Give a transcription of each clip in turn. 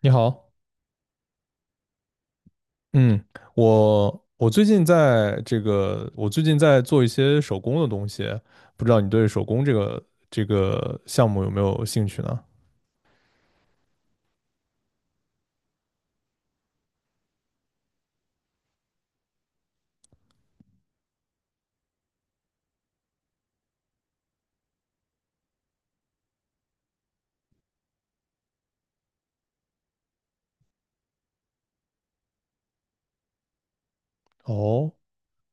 你好。嗯。我最近在这个，我最近在做一些手工的东西。不知道你对手工这个项目有没有兴趣呢？哦，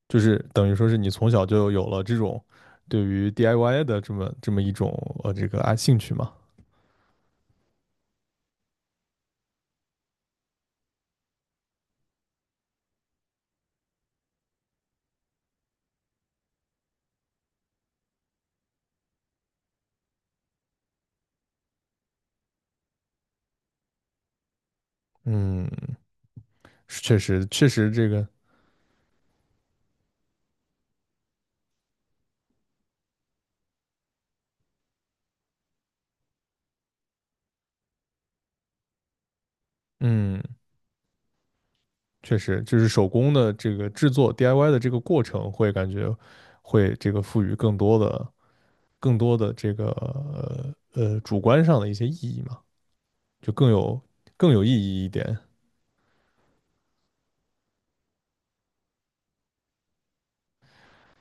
就是等于说是你从小就有了这种对于 DIY 的这么一种这个啊兴趣嘛？嗯，是确实这个。嗯，确实就是手工的这个制作 DIY 的这个过程会感觉会这个赋予更多的。更多的这个主观上的一些意义嘛，就更有意义一点。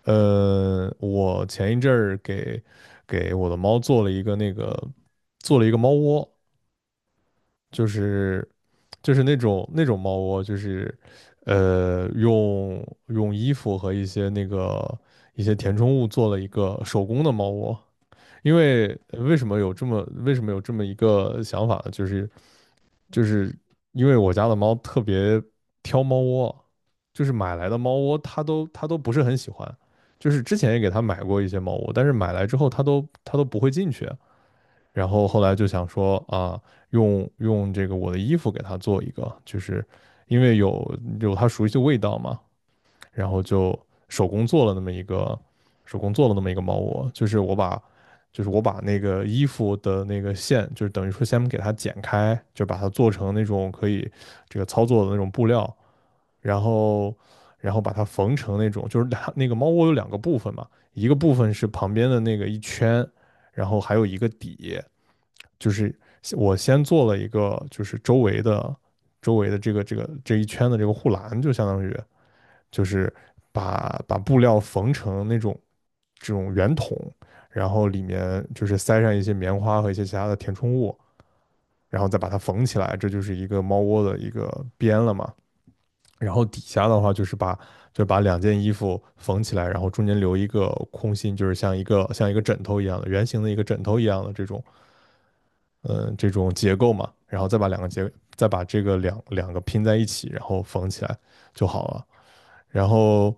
我前一阵儿给我的猫做了一个猫窝。就是就是那种猫窝，就是用衣服和一些一些填充物做了一个手工的猫窝。因为为什么有这么一个想法呢？就是因为我家的猫特别挑猫窝。就是买来的猫窝它都不是很喜欢。就是之前也给它买过一些猫窝，但是买来之后它都不会进去。然后后来就想说啊，用这个我的衣服给它做一个，就是因为有它熟悉的味道嘛。然后就手工做了那么一个手工做了那么一个猫窝。就是我把那个衣服的那个线，就是等于说先给它剪开，就把它做成那种可以这个操作的那种布料。然后然后把它缝成那种，就是它那个猫窝有两个部分嘛。一个部分是旁边的那个一圈，然后还有一个底。就是我先做了一个就是周围的。周围的这个这一圈的这个护栏，就相当于，就是把布料缝成那种这种圆筒，然后里面就是塞上一些棉花和一些其他的填充物，然后再把它缝起来，这就是一个猫窝的一个边了嘛。然后底下的话就是就把两件衣服缝起来，然后中间留一个空心，就是像一个枕头一样的圆形的一个枕头一样的这种这种结构嘛。然后再把两个结再把这个两个拼在一起，然后缝起来就好了。然后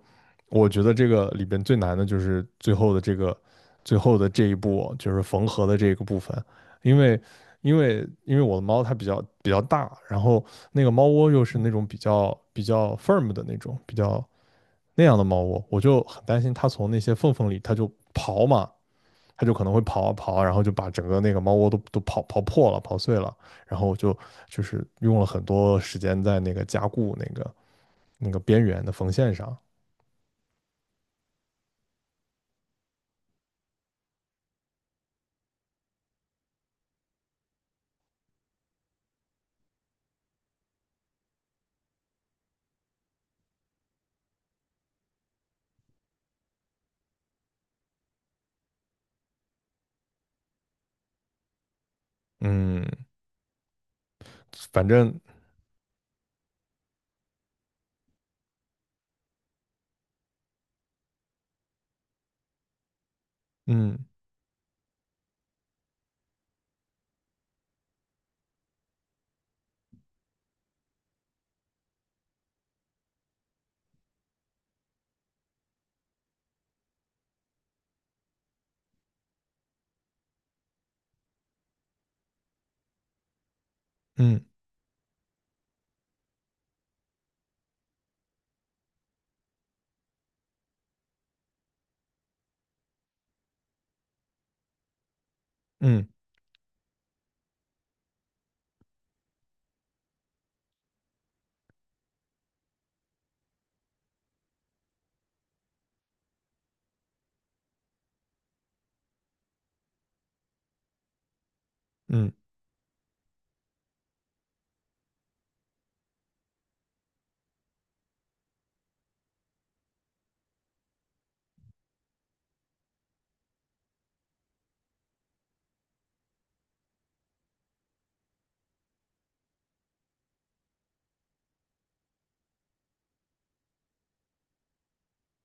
我觉得这个里边最难的就是最后的这一步，就是缝合的这个部分。因为因为我的猫它比较大。然后那个猫窝又是那种比较 firm 的那种，比较那样的猫窝，我就很担心它从那些缝缝里它就刨嘛。它就可能会刨啊刨，然后就把整个那个猫窝都刨破了、刨碎了。然后就是用了很多时间在那个加固那个边缘的缝线上。嗯，反正。嗯。嗯。嗯。嗯。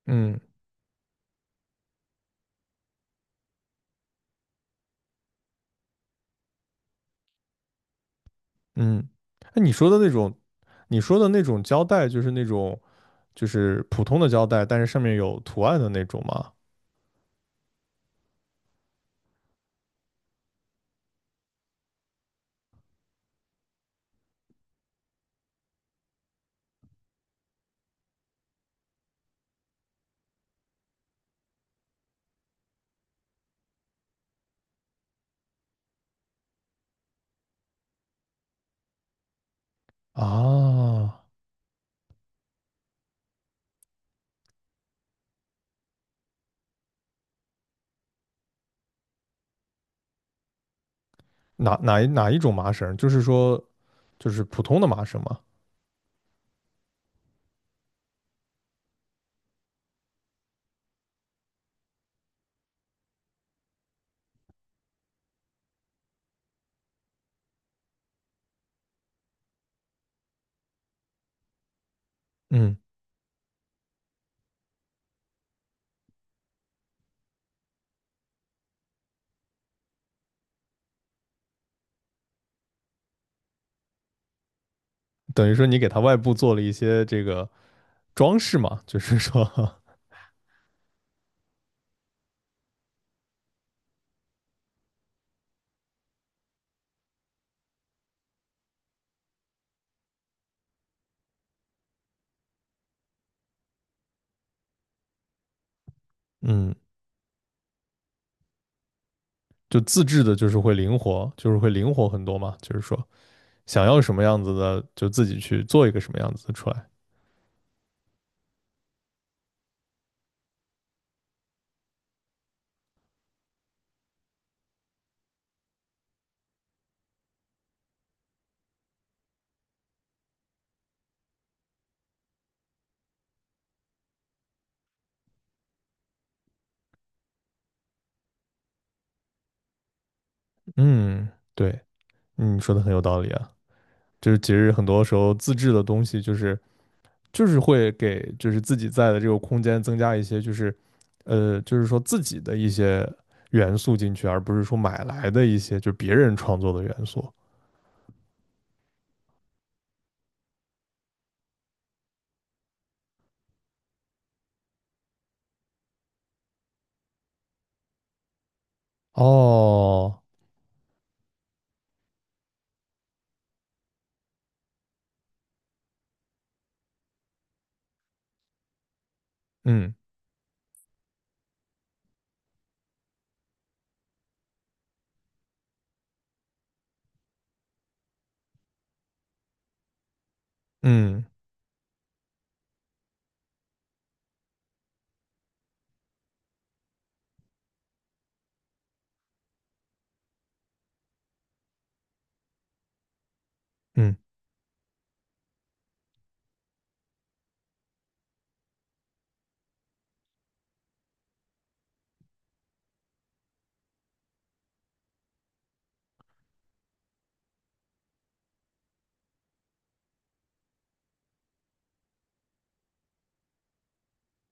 嗯。嗯。那你说的那种，你说的那种胶带，就是那种就是普通的胶带，但是上面有图案的那种吗？啊，哪一种麻绳？就是说就是普通的麻绳吗？嗯。等于说你给它外部做了一些这个装饰嘛，就是说。嗯，就自制的，就是会灵活，就是会灵活很多嘛，就是说想要什么样子的，就自己去做一个什么样子的出来。嗯。对。嗯，说的很有道理啊。就是其实很多时候自制的东西，就是会给就是自己在的这个空间增加一些，就是就是说自己的一些元素进去，而不是说买来的一些就别人创作的元素。哦。嗯。嗯。嗯。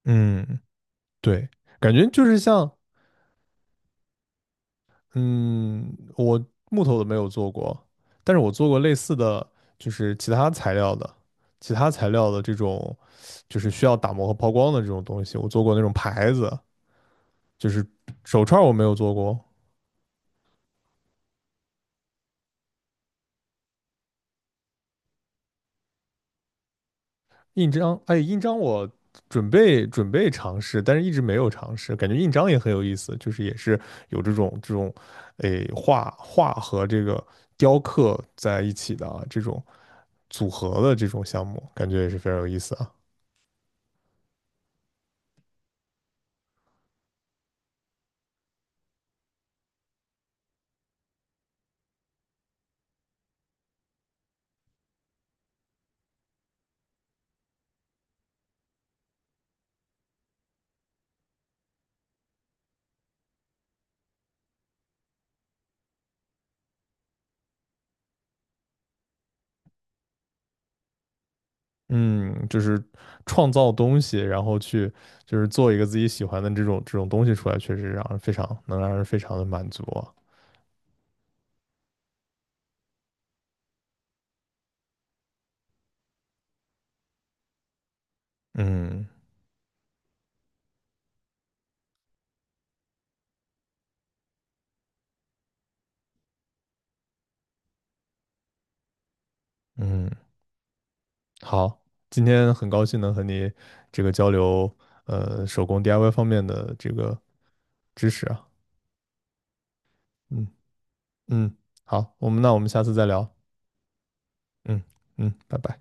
嗯，对。感觉就是像，嗯，我木头的没有做过，但是我做过类似的，就是其他材料的，其他材料的这种，就是需要打磨和抛光的这种东西，我做过那种牌子，就是手串儿我没有做过。印章，哎，印章我准备尝试，但是一直没有尝试。感觉印章也很有意思，就是也是有这种这种，哎，画画和这个雕刻在一起的啊，这种组合的这种项目，感觉也是非常有意思啊。嗯，就是创造东西，然后去就是做一个自己喜欢的这种东西出来，确实让人非常能让人非常的满足啊。嗯。嗯。好，今天很高兴能和你这个交流，手工 DIY 方面的这个知识啊。嗯。嗯，好，我们下次再聊。嗯。嗯，拜拜。